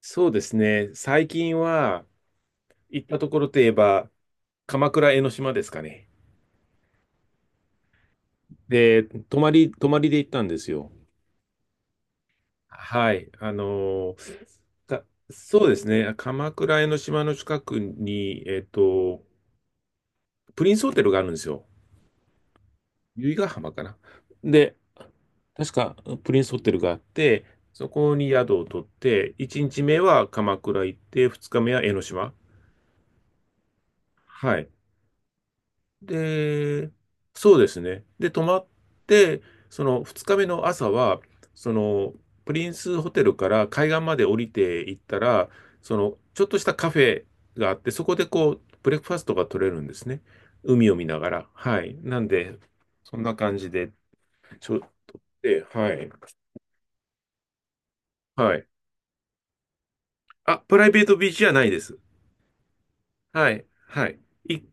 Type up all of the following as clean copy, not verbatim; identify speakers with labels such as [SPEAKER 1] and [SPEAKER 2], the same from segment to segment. [SPEAKER 1] そうですね。最近は行ったところといえば、鎌倉江ノ島ですかね。で、泊まりで行ったんですよ。はい。あのーかそうですね。鎌倉江ノ島の近くに、プリンスホテルがあるんですよ。由比ヶ浜かな。で、確かプリンスホテルがあって、そこに宿を取って、1日目は鎌倉行って、2日目は江ノ島。はい。で、そうですね。で、泊まって、その2日目の朝は、そのプリンスホテルから海岸まで降りていったら、そのちょっとしたカフェがあって、そこでこう、ブレックファストが取れるんですね。海を見ながら。はい。なんで、そんな感じで、ちょ、で、はい。はい。あ、プライベートビーチじゃないです。はい。はい。一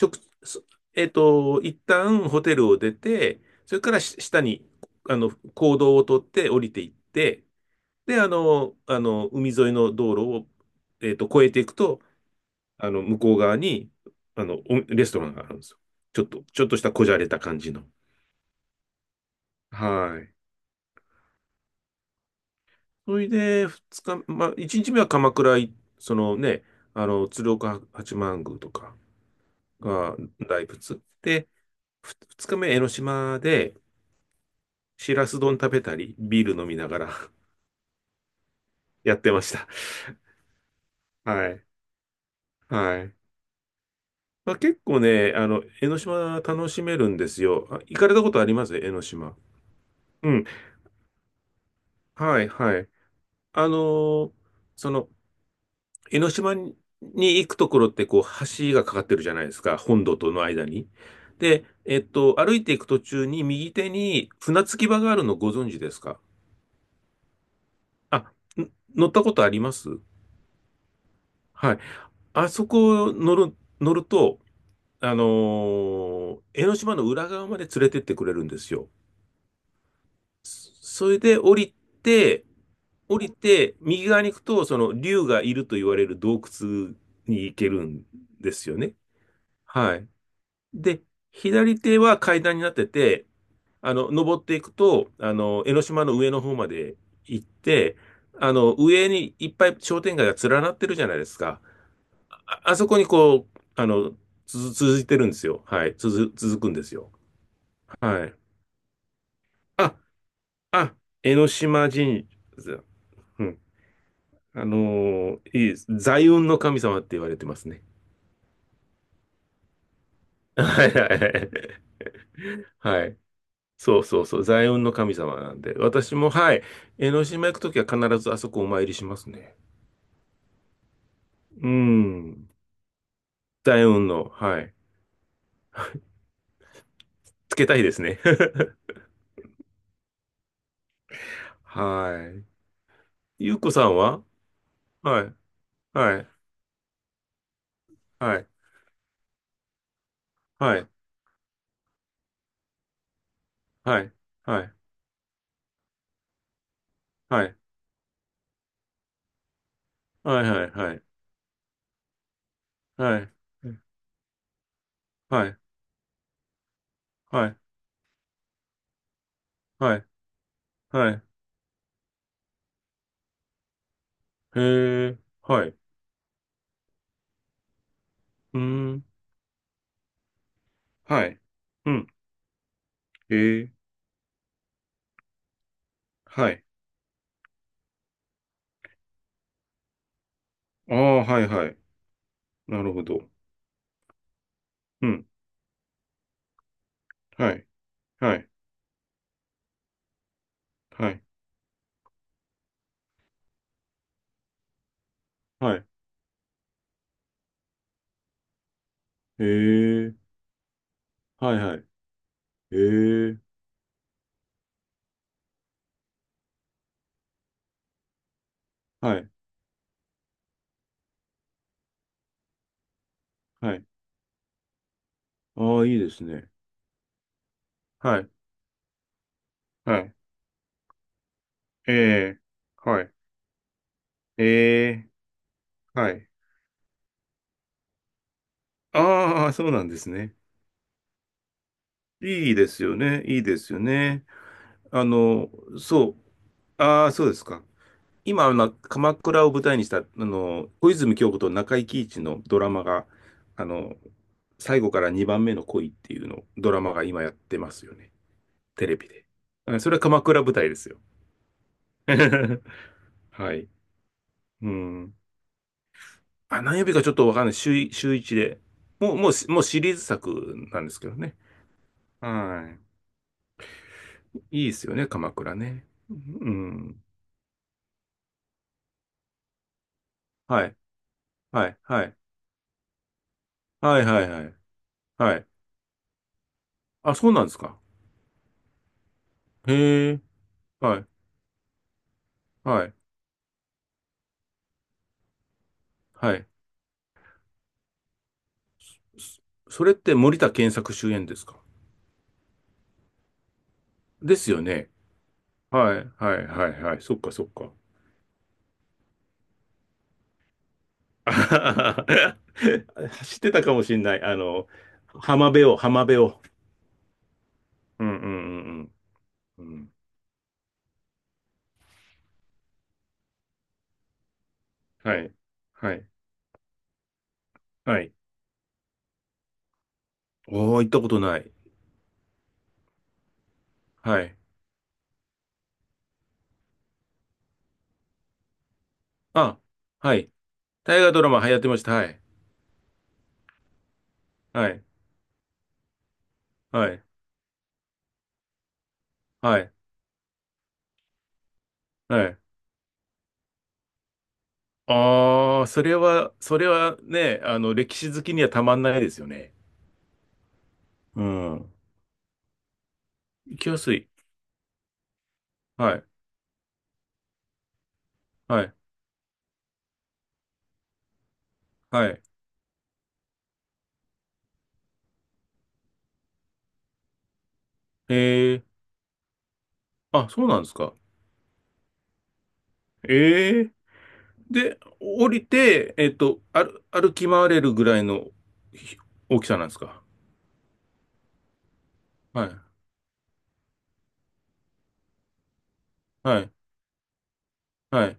[SPEAKER 1] 直、そえっと、一旦ホテルを出て、それから下に、公道を取って降りていって、で、海沿いの道路を、越えていくと、向こう側に、レストランがあるんですよ。ちょっとしたこじゃれた感じの。はい。それで、まあ、一日目は鎌倉、い、そのね、あの、鶴岡八幡宮とかが大仏。で、二日目、江ノ島で、しらす丼食べたり、ビール飲みながら やってました。はい。はい。まあ、結構ね、江ノ島楽しめるんですよ。あ、行かれたことあります江ノ島？うん。はい、はい。あのーその、江ノ島に行くところって、こう、橋がかかってるじゃないですか。本土との間に。で、歩いていく途中に右手に船着き場があるのご存知ですか？あ、乗ったことあります？はい。あそこ乗ると、あの江ノ島の裏側まで連れてってくれるんですよ。そそれでて、降りて、右側に行くと、その竜がいると言われる洞窟に行けるんですよね。はい。で、左手は階段になってて、登っていくと、江ノ島の上の方まで行って、上にいっぱい商店街が連なってるじゃないですか。あ、あそこにこう、続いてるんですよ。はい。続くんですよ。はい。あ、あ、江ノ島神社。うん。いいです。財運の神様って言われてますね。はいはいはい。はい。そうそうそう。財運の神様なんで。私も、はい。江ノ島行くときは必ずあそこお参りしますね。うん。財運の、はい。つけたいですね。はい。ゆうこさんは、はい。はい。はい。はい。はい。はい。はい。はい。はい。はい。はい。はい。はい。はい。はい。へえ。はい。うーん。はい。うん。えー、はい。ああ、はいはい。なるほど。うん。はい。はい。はい。はい。えー、はいはい。えー、はい。はい。ああ、いいですね。はい。はい。えー、はい。えー、はい。ああ、そうなんですね。いいですよね。いいですよね。あの、そう。ああ、そうですか。今、鎌倉を舞台にした、小泉今日子と中井貴一のドラマが、あの、最後から2番目の恋っていうの、ドラマが今やってますよね。テレビで。あ、それは鎌倉舞台ですよ。はい。うん。あ、何曜日かちょっとわかんない。週1で。もうシリーズ作なんですけどね。はい。いいですよね、鎌倉ね。うん。はい。はい。はい。はい。はい。はい。はい。あ、そうなんですか。へえ。はい。はい。はい。それって森田健作主演ですか？ですよね。はい、はい、はい、はい。そっか、そっか。あははは知ってたかもしれない。あの、浜辺を、浜辺を。うん、うん、うん、うん。うん、はい、はい、はい。おー、行ったことない。はい。あ、はい。大河ドラマ流行ってました。はい、はい、はい、はい、はい。ああ、それはね、歴史好きにはたまんないですよね。うん。行きやすい。はい、はい、はい。ええ、あ、そうなんですか。ええ、で、降りて、歩き回れるぐらいのひ大きさなんですか？はい、はい、はい、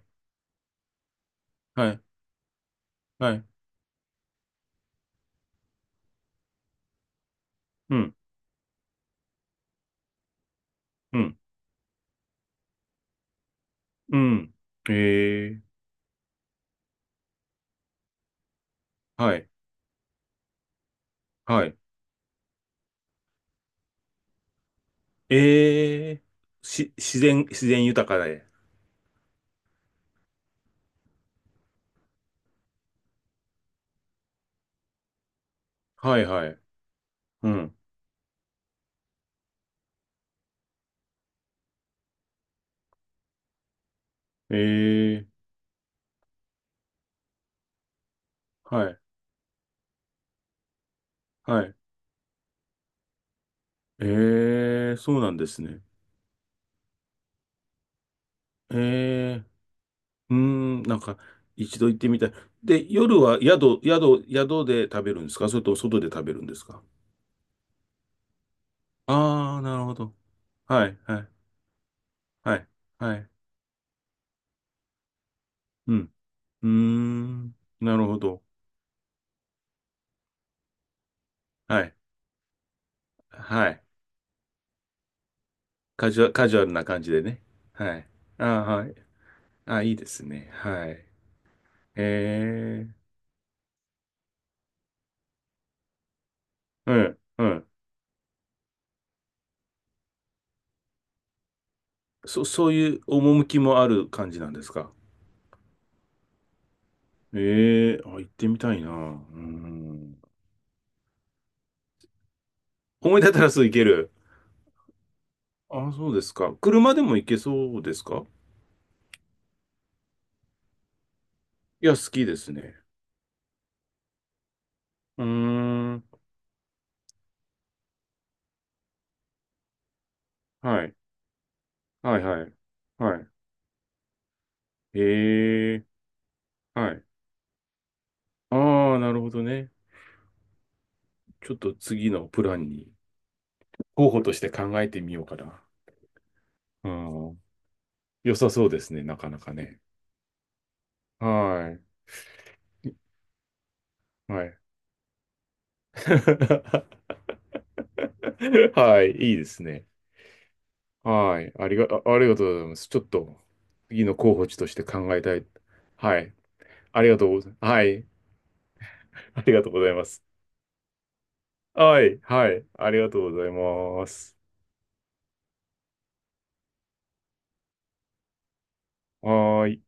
[SPEAKER 1] はい、はい、うん、うん、うん。ええ、はい、はい。ええ、し、自然、自然豊かで。はい、はい、うん。ええ、はい、はい。ええ、そうなんですね。ええ、うーん、なんか、一度行ってみたい。で、夜は宿で食べるんですか？それとも外で食べるんですか？ああー、なるほど。はい、はい、はい、はい。うん。うーん、なるほど。はい、はい。カジュアルな感じでね。はい。ああ、はい。あ、いいですね。はい。ええ、うん、うん。そういう趣もある感じなんですか？ええ、あ、行ってみたいな。うん。思い出たらすぐ行ける。あ、そうですか。車でも行けそうですか？いや、好きですね。うーん。はい。はい、はい。はい。へえ。はい。ああ、なるほどね。ちょっと次のプランに候補として考えてみようかな。うん。良さそうですね、なかなかね。はい。はい。はい、いいですね。はい。ありが、あありがとうございます。ちょっと次の候補地として考えたい。はい。ありがとうございます。はい。ありがとうございます。はい、はい、ありがとうございます。はーい。